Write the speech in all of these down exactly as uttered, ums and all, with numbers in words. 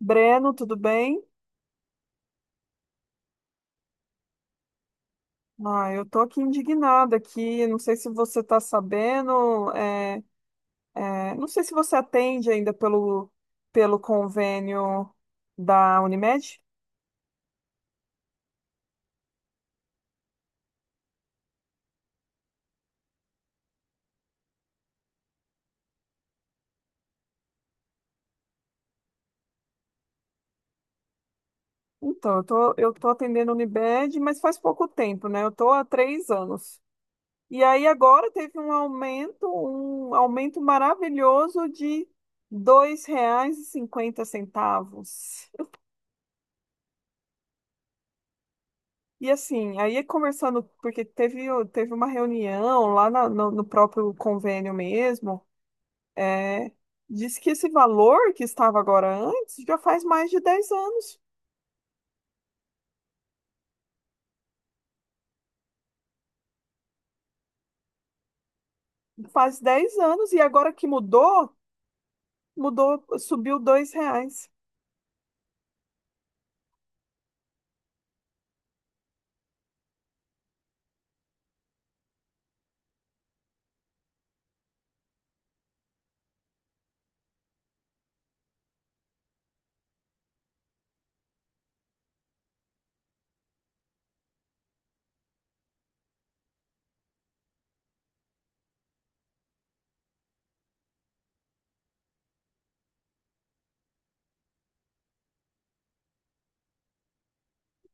Breno, tudo bem? Ah, eu tô aqui indignada aqui, não sei se você tá sabendo, é, é, não sei se você atende ainda pelo, pelo convênio da Unimed. Então, eu tô, eu tô atendendo a Unimed, mas faz pouco tempo, né? Eu tô há três anos. E aí agora teve um aumento, um aumento maravilhoso de dois reais e cinquenta centavos. E assim, aí conversando, porque teve, teve uma reunião lá na- no, no próprio convênio mesmo, é, disse que esse valor que estava agora antes já faz mais de dez anos. Faz dez anos, e agora que mudou, mudou, subiu dois reais.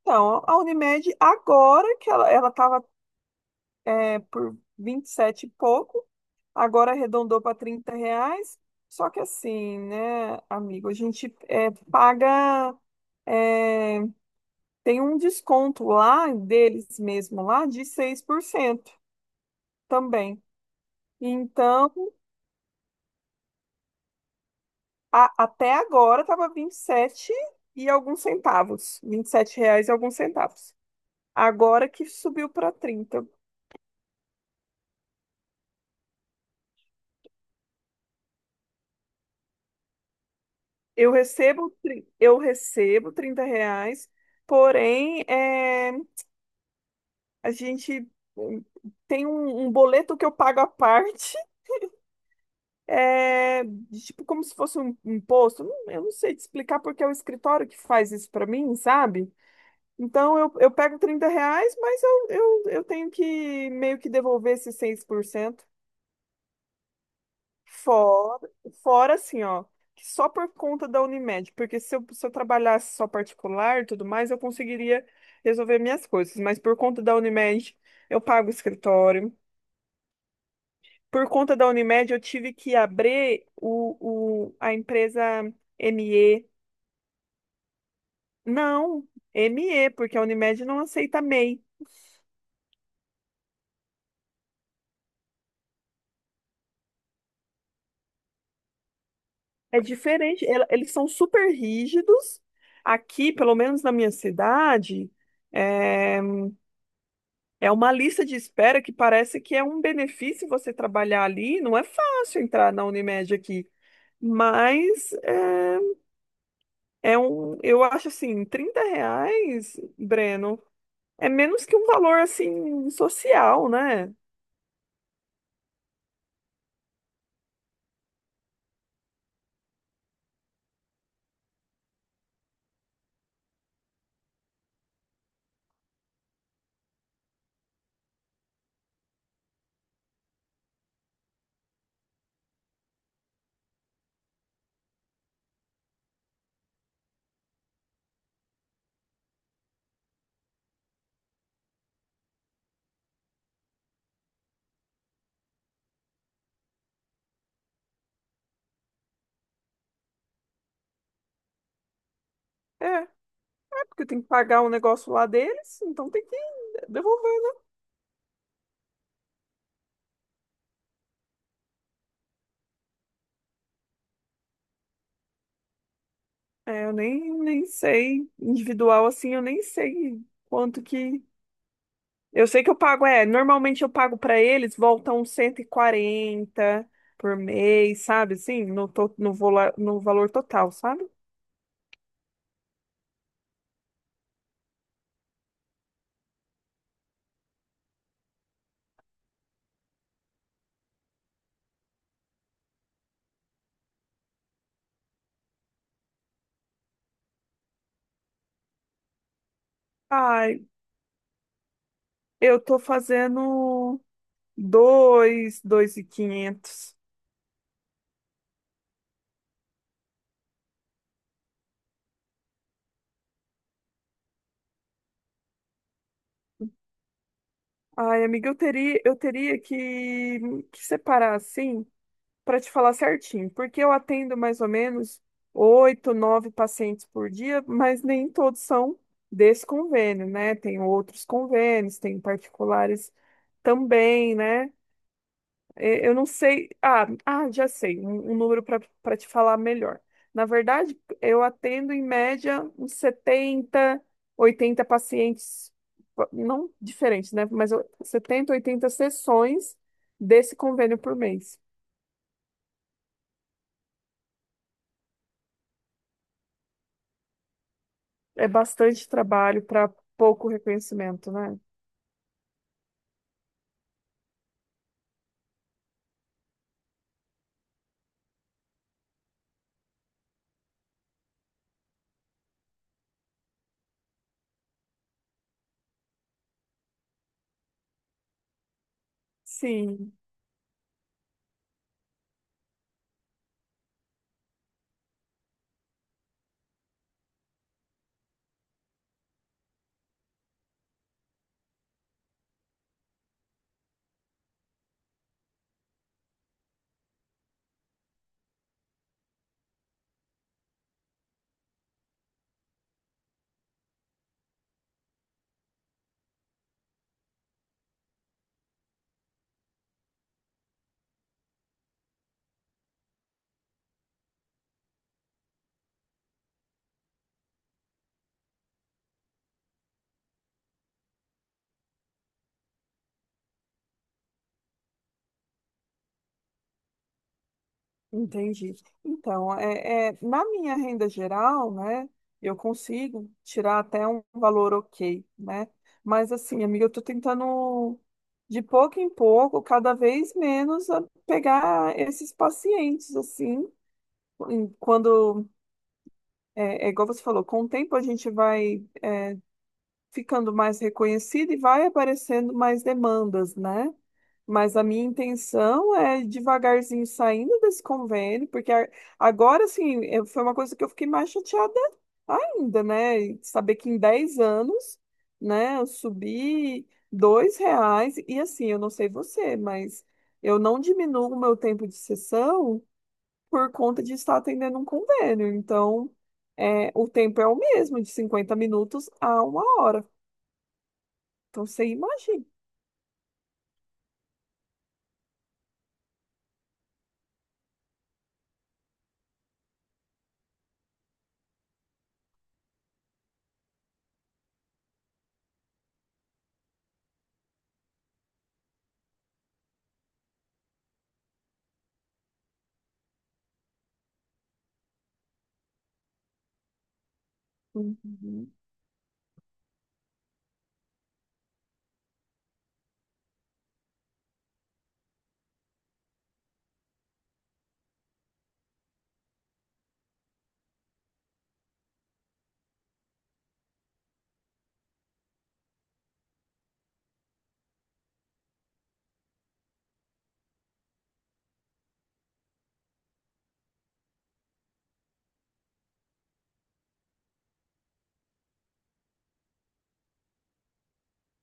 Então, a Unimed, agora que ela ela estava por vinte e sete e pouco, agora arredondou para trinta reais. Só que assim, né, amigo, a gente é, paga. é, Tem um desconto lá deles mesmo lá de seis por cento também. Então, a- até agora estava vinte e sete e alguns centavos, vinte e sete reais e alguns centavos. Agora que subiu para trinta. Eu recebo, tri- eu recebo trinta reais, porém, é, a gente hum, tem um, um boleto que eu pago à parte é, de tipo como se fosse um imposto. Não- Eu não sei te explicar porque é o escritório que faz isso para mim, sabe? Então eu, eu pego trinta reais, mas eu, eu, eu tenho que meio que devolver esses seis por cento. Fora, Fora assim, ó, que só por conta da Unimed, porque se eu, se eu trabalhasse só particular e tudo mais, eu conseguiria resolver minhas coisas, mas por conta da Unimed, eu pago o escritório. Por conta da Unimed, eu tive que abrir o, o, a empresa M E. Não, M E, porque a Unimed não aceita MEI. É diferente, ela- eles são super rígidos. Aqui, pelo menos na minha cidade, é, é uma lista de espera que parece que é um benefício você trabalhar ali. Não é fácil entrar na Unimed aqui, mas é, é um, eu acho assim, trinta reais, Breno, é menos que um valor assim social, né? É, é porque tem que pagar o negócio lá deles, então tem que devolver. É, eu nem, nem sei, individual assim, eu nem sei quanto que. Eu sei que eu pago, é, normalmente eu pago pra eles, volta uns cento e quarenta por mês, sabe? Assim, no, to... no, vola... no valor total, sabe? Ai, eu tô fazendo dois, dois e quinhentos. Ai, amiga, eu teria, eu teria que, que separar assim para te falar certinho, porque eu atendo mais ou menos oito, nove pacientes por dia, mas nem todos são desse convênio, né? Tem outros convênios, tem particulares também, né? E- Eu não sei. Ah, ah, já sei, um, um número para para te falar melhor. Na verdade, eu atendo em média uns setenta, oitenta pacientes, não diferentes, né? Mas eu- setenta, oitenta sessões desse convênio por mês. É bastante trabalho para pouco reconhecimento, né? Sim, entendi. Então, é, é, na minha renda geral, né, eu consigo tirar até um valor ok, né? Mas assim, amiga, eu tô tentando de pouco em pouco, cada vez menos, a- pegar esses pacientes, assim, em- quando, é, é igual você falou, com o tempo a gente vai ficando mais reconhecida e vai aparecendo mais demandas, né? Mas a minha intenção é ir devagarzinho saindo desse convênio, porque a- agora, assim, eh, foi uma coisa que eu fiquei mais chateada ainda, né? E saber que em dez anos, né, eu subi dois reais e assim, eu não sei você, mas eu não diminuo o meu tempo de sessão por conta de estar atendendo um convênio. Então, é, o tempo é o mesmo, de cinquenta minutos a uma hora. Então você imagina. Uhum.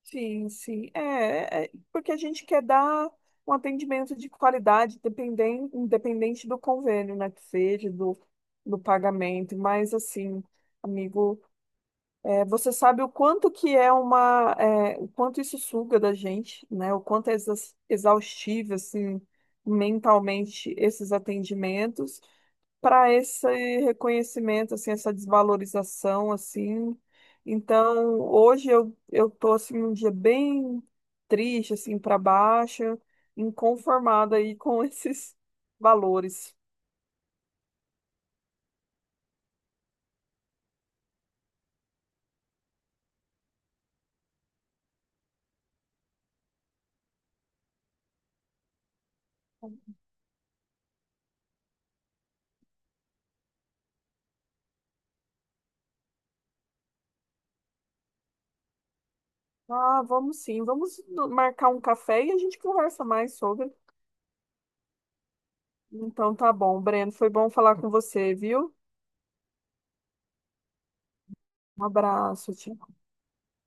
Sim, sim. É, é, porque a gente quer dar um atendimento de qualidade, dependen- independente do convênio, né, que seja, do, do pagamento. Mas, assim, amigo, é, você sabe o quanto que é uma. é, o quanto isso suga da gente, né? O quanto é exa- exaustivo, assim, mentalmente, esses atendimentos para esse reconhecimento, assim, essa desvalorização, assim. Então, hoje eu eu tô assim um dia bem triste, assim, para baixo, inconformada aí com esses valores. Ah, vamos sim, vamos no- marcar um café e a gente conversa mais sobre. Então tá bom, Breno, foi bom falar com você, viu? Um abraço, tchau.